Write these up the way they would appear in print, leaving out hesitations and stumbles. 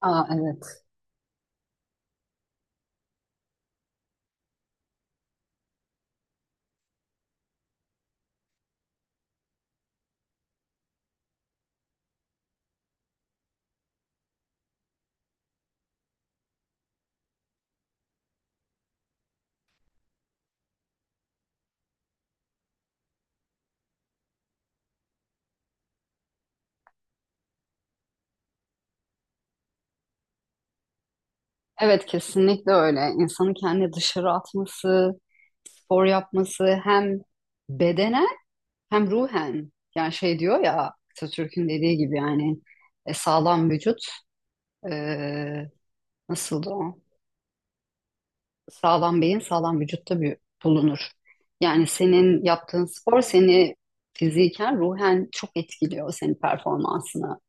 Aa, evet. Evet kesinlikle öyle. İnsanın kendini dışarı atması, spor yapması hem bedenen hem ruhen. Yani şey diyor ya, Atatürk'ün dediği gibi, yani sağlam vücut e, nasıldı o? Sağlam beyin sağlam vücutta bir bulunur. Yani senin yaptığın spor seni fiziken, ruhen çok etkiliyor, senin performansını.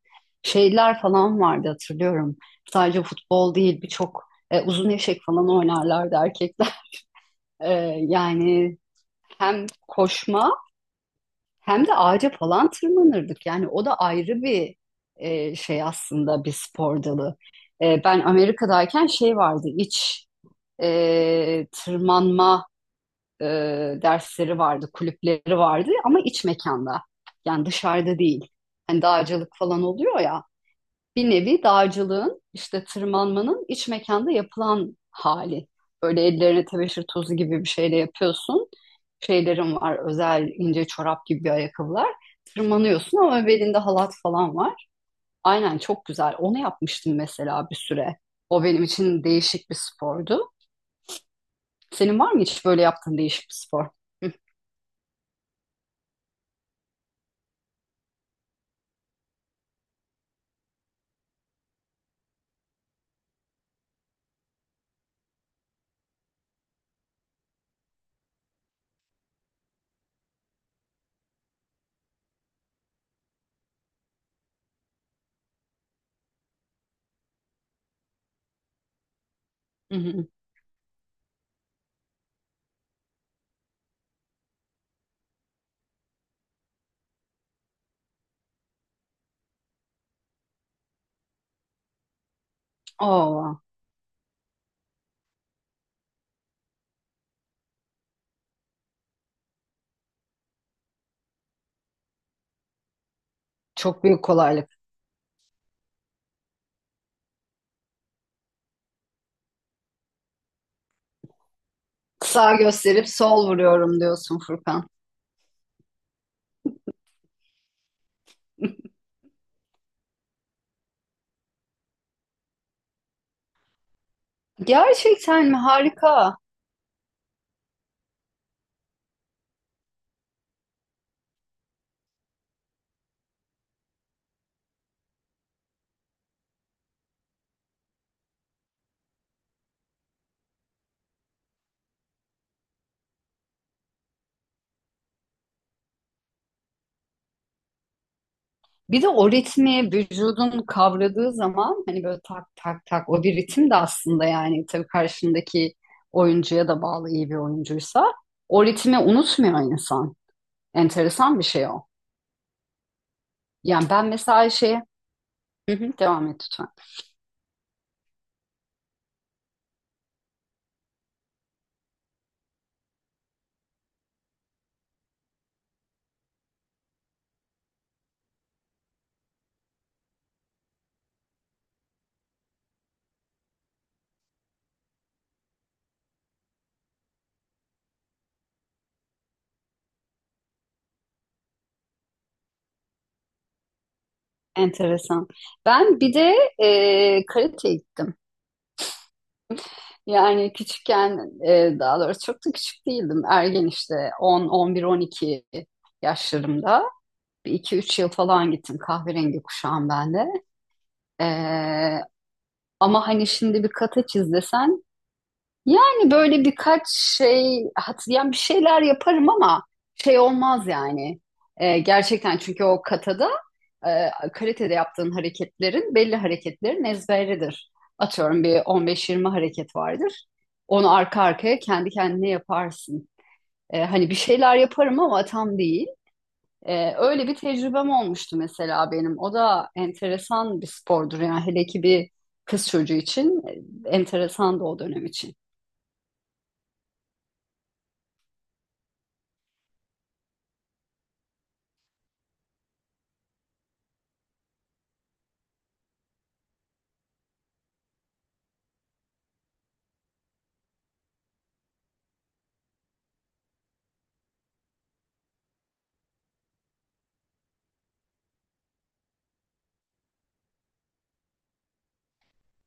Şeyler falan vardı, hatırlıyorum. Sadece futbol değil, birçok uzun eşek falan oynarlardı erkekler. E, yani hem koşma hem de ağaca falan tırmanırdık. Yani o da ayrı bir şey, aslında bir spor dalı. Ben Amerika'dayken şey vardı, iç tırmanma e, dersleri vardı, kulüpleri vardı, ama iç mekanda. Yani dışarıda değil. Hani dağcılık falan oluyor ya. Bir nevi dağcılığın, işte tırmanmanın iç mekanda yapılan hali. Böyle ellerine tebeşir tozu gibi bir şeyle yapıyorsun. Şeylerin var, özel ince çorap gibi bir ayakkabılar. Tırmanıyorsun ama belinde halat falan var. Aynen, çok güzel. Onu yapmıştım mesela bir süre. O benim için değişik bir spordu. Senin var mı hiç böyle yaptığın değişik bir spor? Hı hı. Oo, çok büyük kolaylık. Sağ gösterip sol vuruyorum diyorsun Furkan. Gerçekten mi? Harika. Bir de o ritmi vücudun kavradığı zaman, hani böyle tak tak tak, o bir ritim de aslında, yani tabii karşındaki oyuncuya da bağlı, iyi bir oyuncuysa o ritmi unutmuyor insan. Enteresan bir şey o. Yani ben mesela şey. Hı hı, devam et lütfen. Enteresan. Ben bir de karate gittim. Yani küçükken, daha doğrusu çok da küçük değildim. Ergen işte, 10, 11, 12 yaşlarımda. Bir iki üç yıl falan gittim, kahverengi kuşağım ben de. E, ama hani şimdi bir kateç izlesen, yani böyle birkaç şey hatırlayan bir şeyler yaparım ama şey olmaz yani. Gerçekten çünkü o katada kalitede yaptığın hareketlerin, belli hareketlerin ezberidir. Atıyorum bir 15-20 hareket vardır. Onu arka arkaya kendi kendine yaparsın. Hani bir şeyler yaparım ama tam değil. Öyle bir tecrübem olmuştu mesela benim. O da enteresan bir spordur, yani hele ki bir kız çocuğu için enteresan da, o dönem için.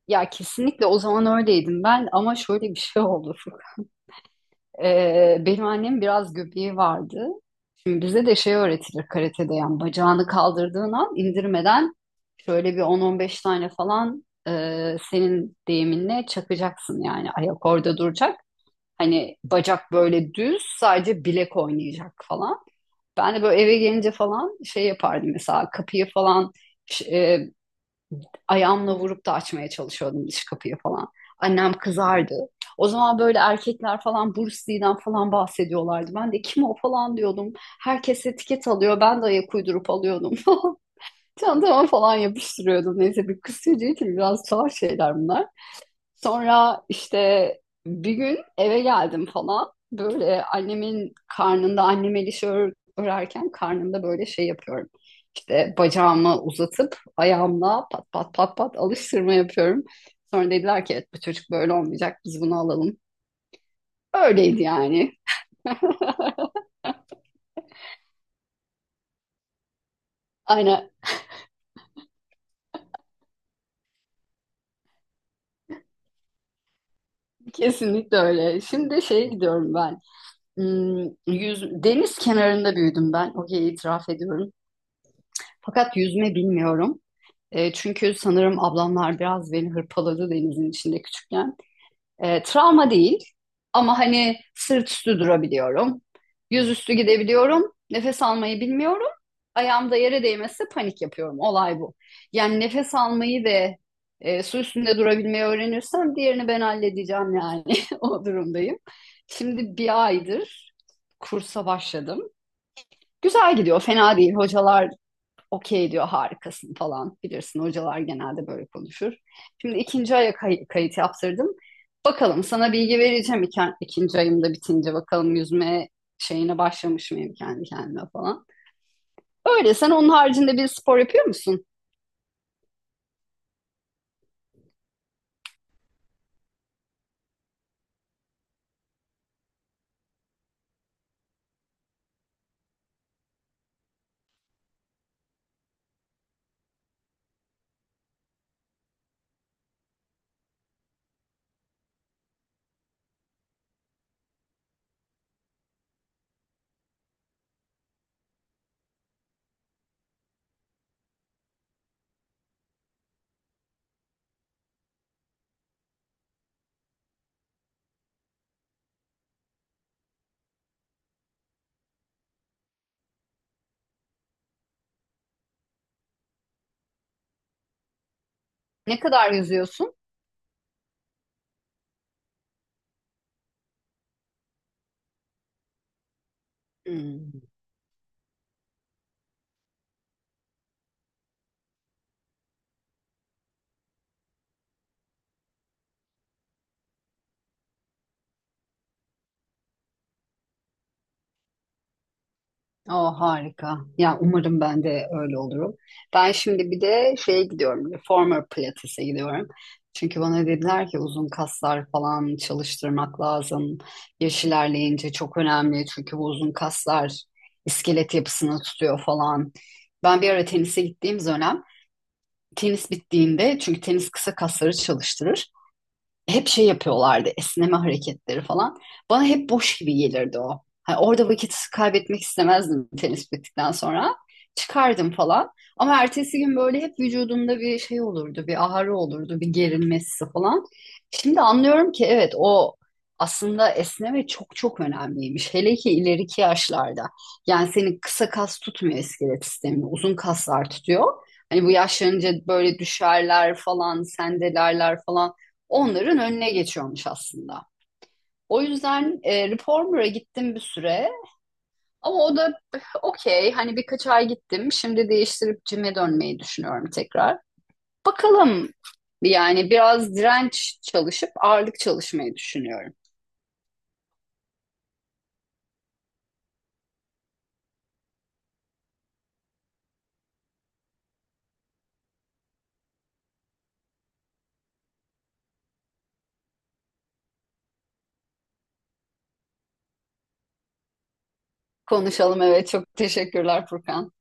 Ya kesinlikle o zaman öyleydim ben, ama şöyle bir şey oldu. Furkan. Benim annem biraz göbeği vardı. Şimdi bize de şey öğretilir karatede, yani bacağını kaldırdığın an indirmeden şöyle bir 10-15 tane falan, senin deyiminle çakacaksın, yani ayak orada duracak. Hani bacak böyle düz, sadece bilek oynayacak falan. Ben de böyle eve gelince falan şey yapardım, mesela kapıyı falan ş- e, ayağımla vurup da açmaya çalışıyordum, dış kapıyı falan. Annem kızardı. O zaman böyle erkekler falan Bruce Lee'den falan bahsediyorlardı. Ben de kim o falan diyordum. Herkes etiket alıyor. Ben de ayak uydurup alıyordum. falan. Çantama falan yapıştırıyordum. Neyse, bir kız çocuğu için biraz tuhaf şeyler bunlar. Sonra işte bir gün eve geldim falan. Böyle annemin karnında, annem el işi örerken, karnımda böyle şey yapıyorum. İşte bacağımı uzatıp ayağımla pat pat pat pat alıştırma yapıyorum. Sonra dediler ki evet, bu çocuk böyle olmayacak, biz bunu alalım. Öyleydi yani. Aynen, kesinlikle öyle. Şimdi şeye gidiyorum ben. Hmm, yüz, deniz kenarında büyüdüm ben. Okey, itiraf ediyorum. Fakat yüzme bilmiyorum. Çünkü sanırım ablamlar biraz beni hırpaladı denizin içinde küçükken. Travma değil, ama hani sırt üstü durabiliyorum. Yüzüstü gidebiliyorum. Nefes almayı bilmiyorum. Ayağımda yere değmezse panik yapıyorum. Olay bu. Yani nefes almayı ve su üstünde durabilmeyi öğrenirsem, diğerini ben halledeceğim yani. O durumdayım. Şimdi bir aydır kursa başladım. Güzel gidiyor, fena değil. Hocalar okey diyor, harikasın falan. Bilirsin, hocalar genelde böyle konuşur. Şimdi ikinci aya kayıt yaptırdım. Bakalım, sana bilgi vereceğim iken, ikinci ayım da bitince bakalım yüzme şeyine başlamış mıyım kendi kendime falan. Öyle, sen onun haricinde bir spor yapıyor musun? Ne kadar yüzüyorsun? Hmm. O harika. Ya umarım ben de öyle olurum. Ben şimdi bir de şeye gidiyorum. Reformer Pilates'e gidiyorum. Çünkü bana dediler ki uzun kaslar falan çalıştırmak lazım. Yaş ilerleyince çok önemli. Çünkü bu uzun kaslar iskelet yapısını tutuyor falan. Ben bir ara tenise gittiğim dönem, tenis bittiğinde, çünkü tenis kısa kasları çalıştırır, hep şey yapıyorlardı, esneme hareketleri falan. Bana hep boş gibi gelirdi o. Hani orada vakit kaybetmek istemezdim tenis bittikten sonra. Çıkardım falan. Ama ertesi gün böyle hep vücudumda bir şey olurdu, bir ağrı olurdu, bir gerilmesi falan. Şimdi anlıyorum ki evet, o aslında esneme çok çok önemliymiş. Hele ki ileriki yaşlarda. Yani senin kısa kas tutmuyor iskelet sistemini, uzun kaslar tutuyor. Hani bu yaşlanınca böyle düşerler falan, sendelerler falan, onların önüne geçiyormuş aslında. O yüzden Reformer'a gittim bir süre, ama o da eh, okey, hani birkaç ay gittim. Şimdi değiştirip cime dönmeyi düşünüyorum tekrar. Bakalım, yani biraz direnç çalışıp ağırlık çalışmayı düşünüyorum. Konuşalım, evet çok teşekkürler Furkan.